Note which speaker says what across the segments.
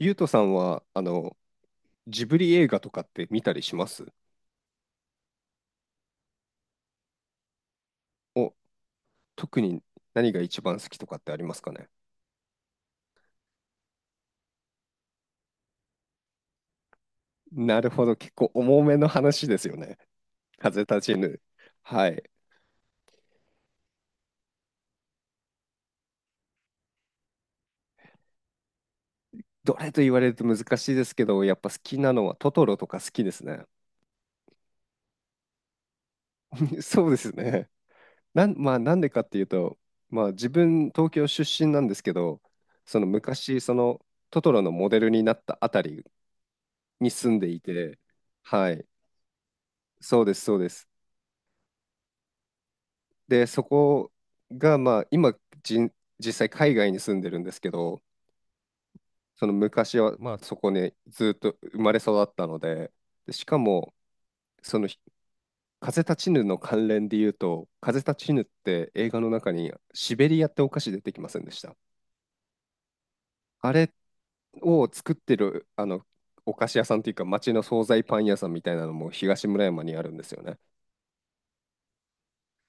Speaker 1: ゆうとさんは、ジブリ映画とかって見たりします？お、特に何が一番好きとかってありますかね？なるほど、結構重めの話ですよね。風立ちぬ。はい。どれと言われると難しいですけど、やっぱ好きなのはトトロとか好きですね。そうですね。まあ、なんでかっていうと、まあ、自分、東京出身なんですけど、その昔、そのトトロのモデルになったあたりに住んでいて、はい。そうです、そうです。で、そこが、まあ、今じん、実際海外に住んでるんですけど、その昔は、まあ、そこにずっと生まれ育ったので、で、しかも、その風立ちぬの関連で言うと、風立ちぬって映画の中にシベリアってお菓子出てきませんでした？あれを作ってる、お菓子屋さんというか、町の惣菜パン屋さんみたいなのも東村山にあるんですよね。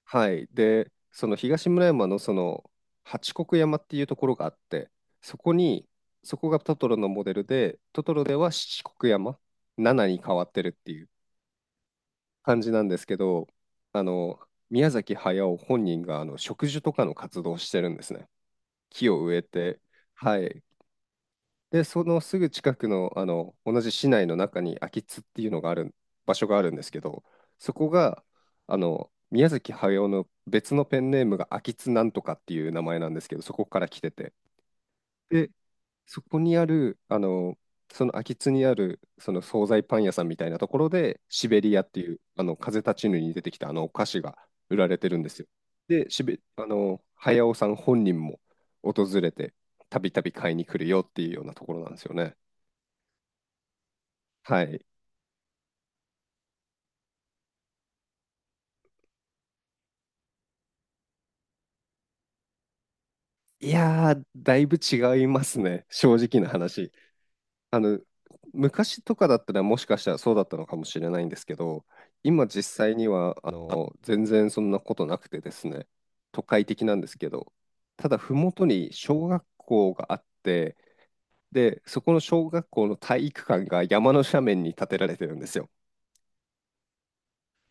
Speaker 1: はい。で、その東村山のその八国山っていうところがあって、そこに、そこがトトロのモデルで、トトロでは七国山、七に変わってるっていう感じなんですけど、あの、宮崎駿本人があの植樹とかの活動をしてるんですね。木を植えて、はい。で、そのすぐ近くの、あの同じ市内の中に秋津っていうのがある場所があるんですけど、そこがあの宮崎駿の別のペンネームが秋津なんとかっていう名前なんですけど、そこから来てて、で、そこにある、あのその秋津にあるその惣菜パン屋さんみたいなところで、シベリアっていうあの風立ちぬに出てきたあのお菓子が売られてるんですよ。で、あの駿さん本人も訪れて、たびたび買いに来るよっていうようなところなんですよね。はい。いやー、だいぶ違いますね。正直な話。あの、昔とかだったらもしかしたらそうだったのかもしれないんですけど、今実際には、全然そんなことなくてですね、都会的なんですけど、ただ、ふもとに小学校があって、で、そこの小学校の体育館が山の斜面に建てられてるんですよ。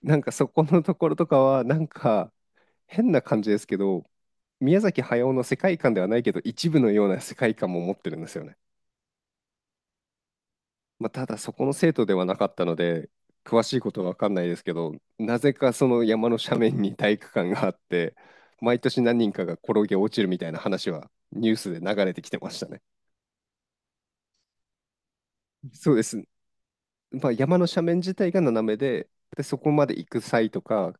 Speaker 1: なんかそこのところとかは、なんか変な感じですけど、宮崎駿の世界観ではないけど、一部のような世界観も持ってるんですよね。まあ、ただそこの生徒ではなかったので、詳しいことは分かんないですけど、なぜかその山の斜面に体育館があって、毎年何人かが転げ落ちるみたいな話はニュースで流れてきてましたね。そうです。まあ、山の斜面自体が斜めで、で、そこまで行く際とか、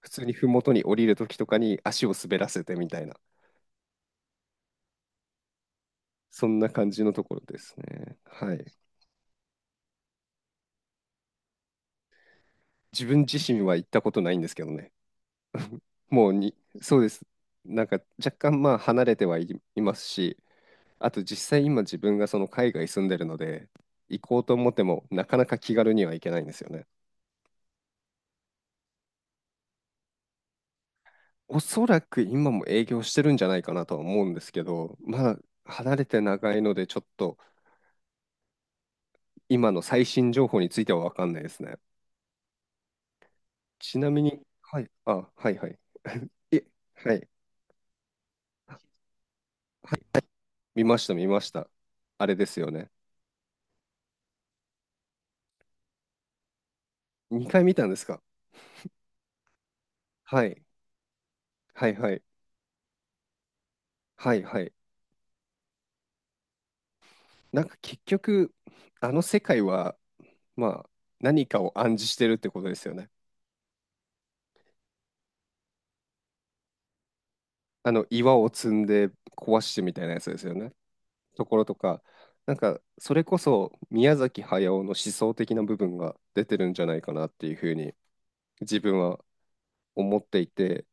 Speaker 1: 普通に麓に降りる時とかに足を滑らせてみたいな、そんな感じのところですね。はい。自分自身は行ったことないんですけどね。もうに、そうです。なんか若干まあ離れてはい、いますし、あと実際今自分がその海外住んでるので、行こうと思ってもなかなか気軽には行けないんですよね。おそらく今も営業してるんじゃないかなとは思うんですけど、まあ離れて長いのでちょっと今の最新情報については分かんないですね。ちなみに、はい、あ、はいはい。え、はい。はい、見ました。あれですよね。2回見たんですか？はい、はい、はい、はい。なんか結局、あの世界は、まあ、何かを暗示してるってことですよね。あの岩を積んで壊してみたいなやつですよね。ところとか、なんかそれこそ宮崎駿の思想的な部分が出てるんじゃないかなっていうふうに自分は思っていて、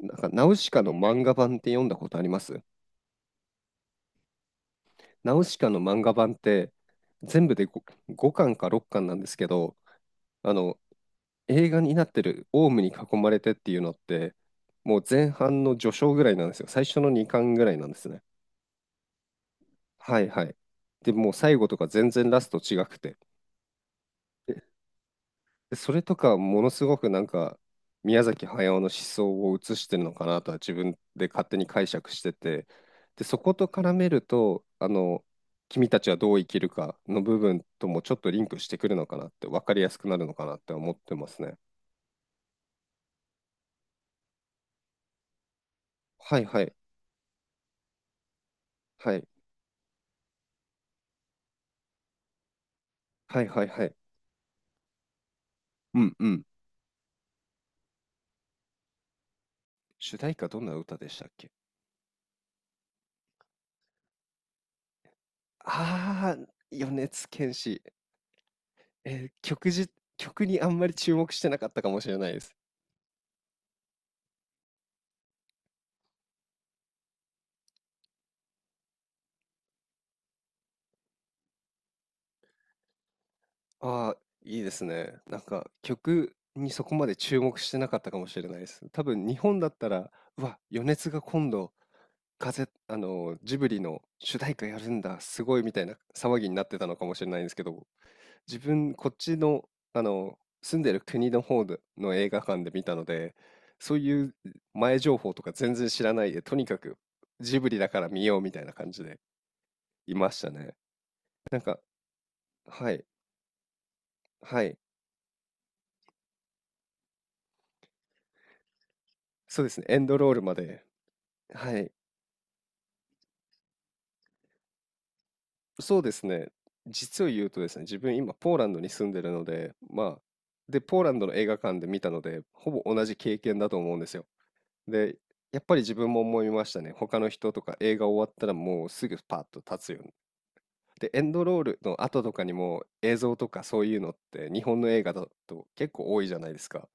Speaker 1: なんかナウシカの漫画版って読んだことあります？ナウシカの漫画版って全部で 5, 巻か6巻なんですけど、あの映画になってるオウムに囲まれてっていうのって、もう前半の序章ぐらいなんですよ。最初の2巻ぐらいなんですね。はいはい。で、もう最後とか全然ラスト違くて。でそれとかものすごくなんか宮崎駿の思想を映してるのかなとは自分で勝手に解釈してて、で、そこと絡めると、君たちはどう生きるかの部分ともちょっとリンクしてくるのかなって、分かりやすくなるのかなって思ってますね。はいはい。はい。はいはいはい。うんうん。主題歌どんな歌でしたっけ？ああー、米津玄師。えー曲じ曲にあんまり注目してなかったかもしれないです。ああ、いいですね。なんか、曲にそこまで注目してなかったかもしれないです。多分日本だったら、うわ、米津が今度、風あの、ジブリの主題歌やるんだ、すごいみたいな騒ぎになってたのかもしれないんですけど自分こっちの、住んでる国の方での映画館で見たので、そういう前情報とか全然知らないで、とにかくジブリだから見ようみたいな感じでいましたね。なんか、はい、はい、そうですね、エンドロールまで。はい、そうですね、実を言うとですね、自分今ポーランドに住んでるので、まあ、で、ポーランドの映画館で見たので、ほぼ同じ経験だと思うんですよ。で、やっぱり自分も思いましたね。他の人とか映画終わったらもうすぐパッと立つように。で、エンドロールの後とかにも映像とかそういうのって日本の映画だと結構多いじゃないですか。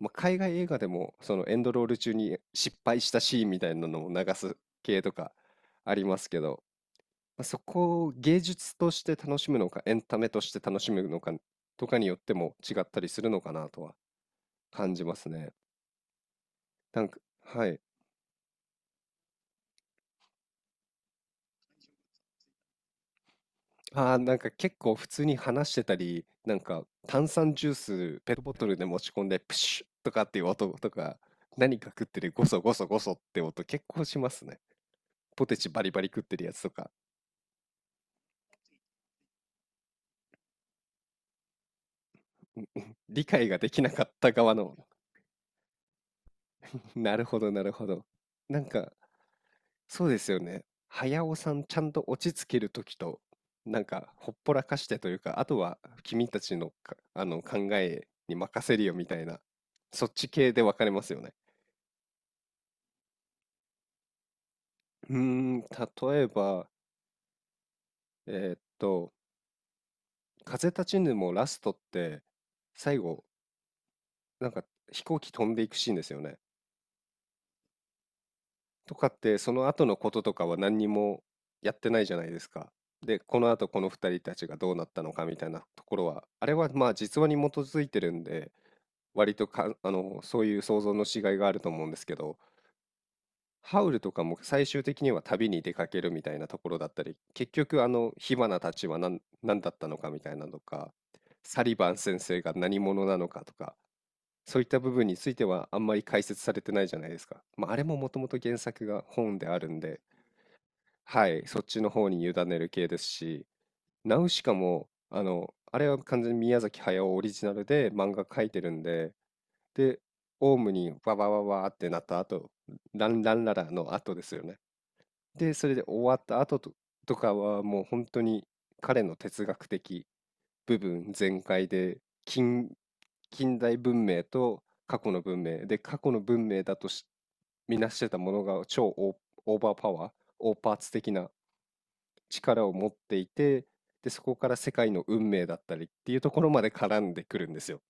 Speaker 1: まあ、海外映画でもそのエンドロール中に失敗したシーンみたいなのを流す系とかありますけど、まあ、そこを芸術として楽しむのかエンタメとして楽しむのかとかによっても違ったりするのかなとは感じますね。なんか、はい。ああ、なんか結構普通に話してたり、なんか炭酸ジュースペットボトルで持ち込んでプシュッとかっていう音とか、何か食ってるゴソゴソゴソって音結構しますね。ポテチバリバリ食ってるやつとか、理解ができなかった側の、なるほどなるほど。なんかそうですよね。早尾さんちゃんと落ち着ける時と、なんかほっぽらかしてというか、あとは君たちのか、あの考えに任せるよみたいな、そっち系で分かれますよね。うーん、例えば、えーっと、風立ちぬもラストって、最後、なんか飛行機飛んでいくシーンですよね。とかって、その後のこととかは何にもやってないじゃないですか。で、この後この二人たちがどうなったのかみたいなところは、あれはまあ実話に基づいてるんで、割とか、そういう想像のしがいがあると思うんですけど、ハウルとかも最終的には旅に出かけるみたいなところだったり、結局あの火花たちは何だったのかみたいなのとか、サリバン先生が何者なのかとか、そういった部分についてはあんまり解説されてないじゃないですか。まあ、あれももともと原作が本であるんで、はい、そっちの方に委ねる系ですし、ナウシカも、あれは完全に宮崎駿オリジナルで漫画描いてるんで、で、オウムにわわわわってなった後、ランランララの後ですよね。で、それで終わった後と、とかはもう本当に彼の哲学的部分全開で近、近代文明と過去の文明で過去の文明だとしみなしてたものが超オー、オーバーパワー、オーパーツ的な力を持っていて、で、そこから世界の運命だったりっていうところまで絡んでくるんですよ。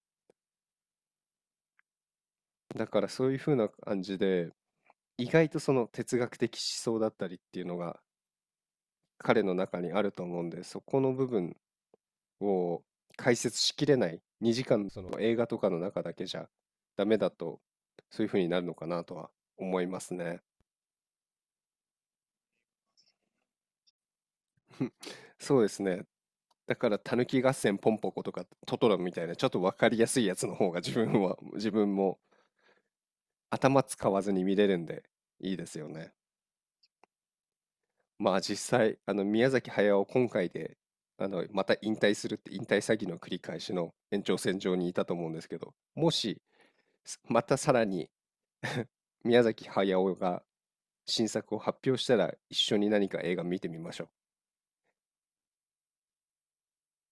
Speaker 1: だからそういう風な感じで、意外とその哲学的思想だったりっていうのが彼の中にあると思うんで、そこの部分を解説しきれない2時間その映画とかの中だけじゃダメだとそういう風になるのかなとは思いますね。そうですね。だから「たぬき合戦ポンポコ」とか「トトロ」みたいなちょっと分かりやすいやつの方が自分も頭使わずに見れるんでいいですよね。まあ実際あの宮崎駿今回であのまた引退するって引退詐欺の繰り返しの延長線上にいたと思うんですけどもしまたさらに 宮崎駿が新作を発表したら一緒に何か映画見てみましょう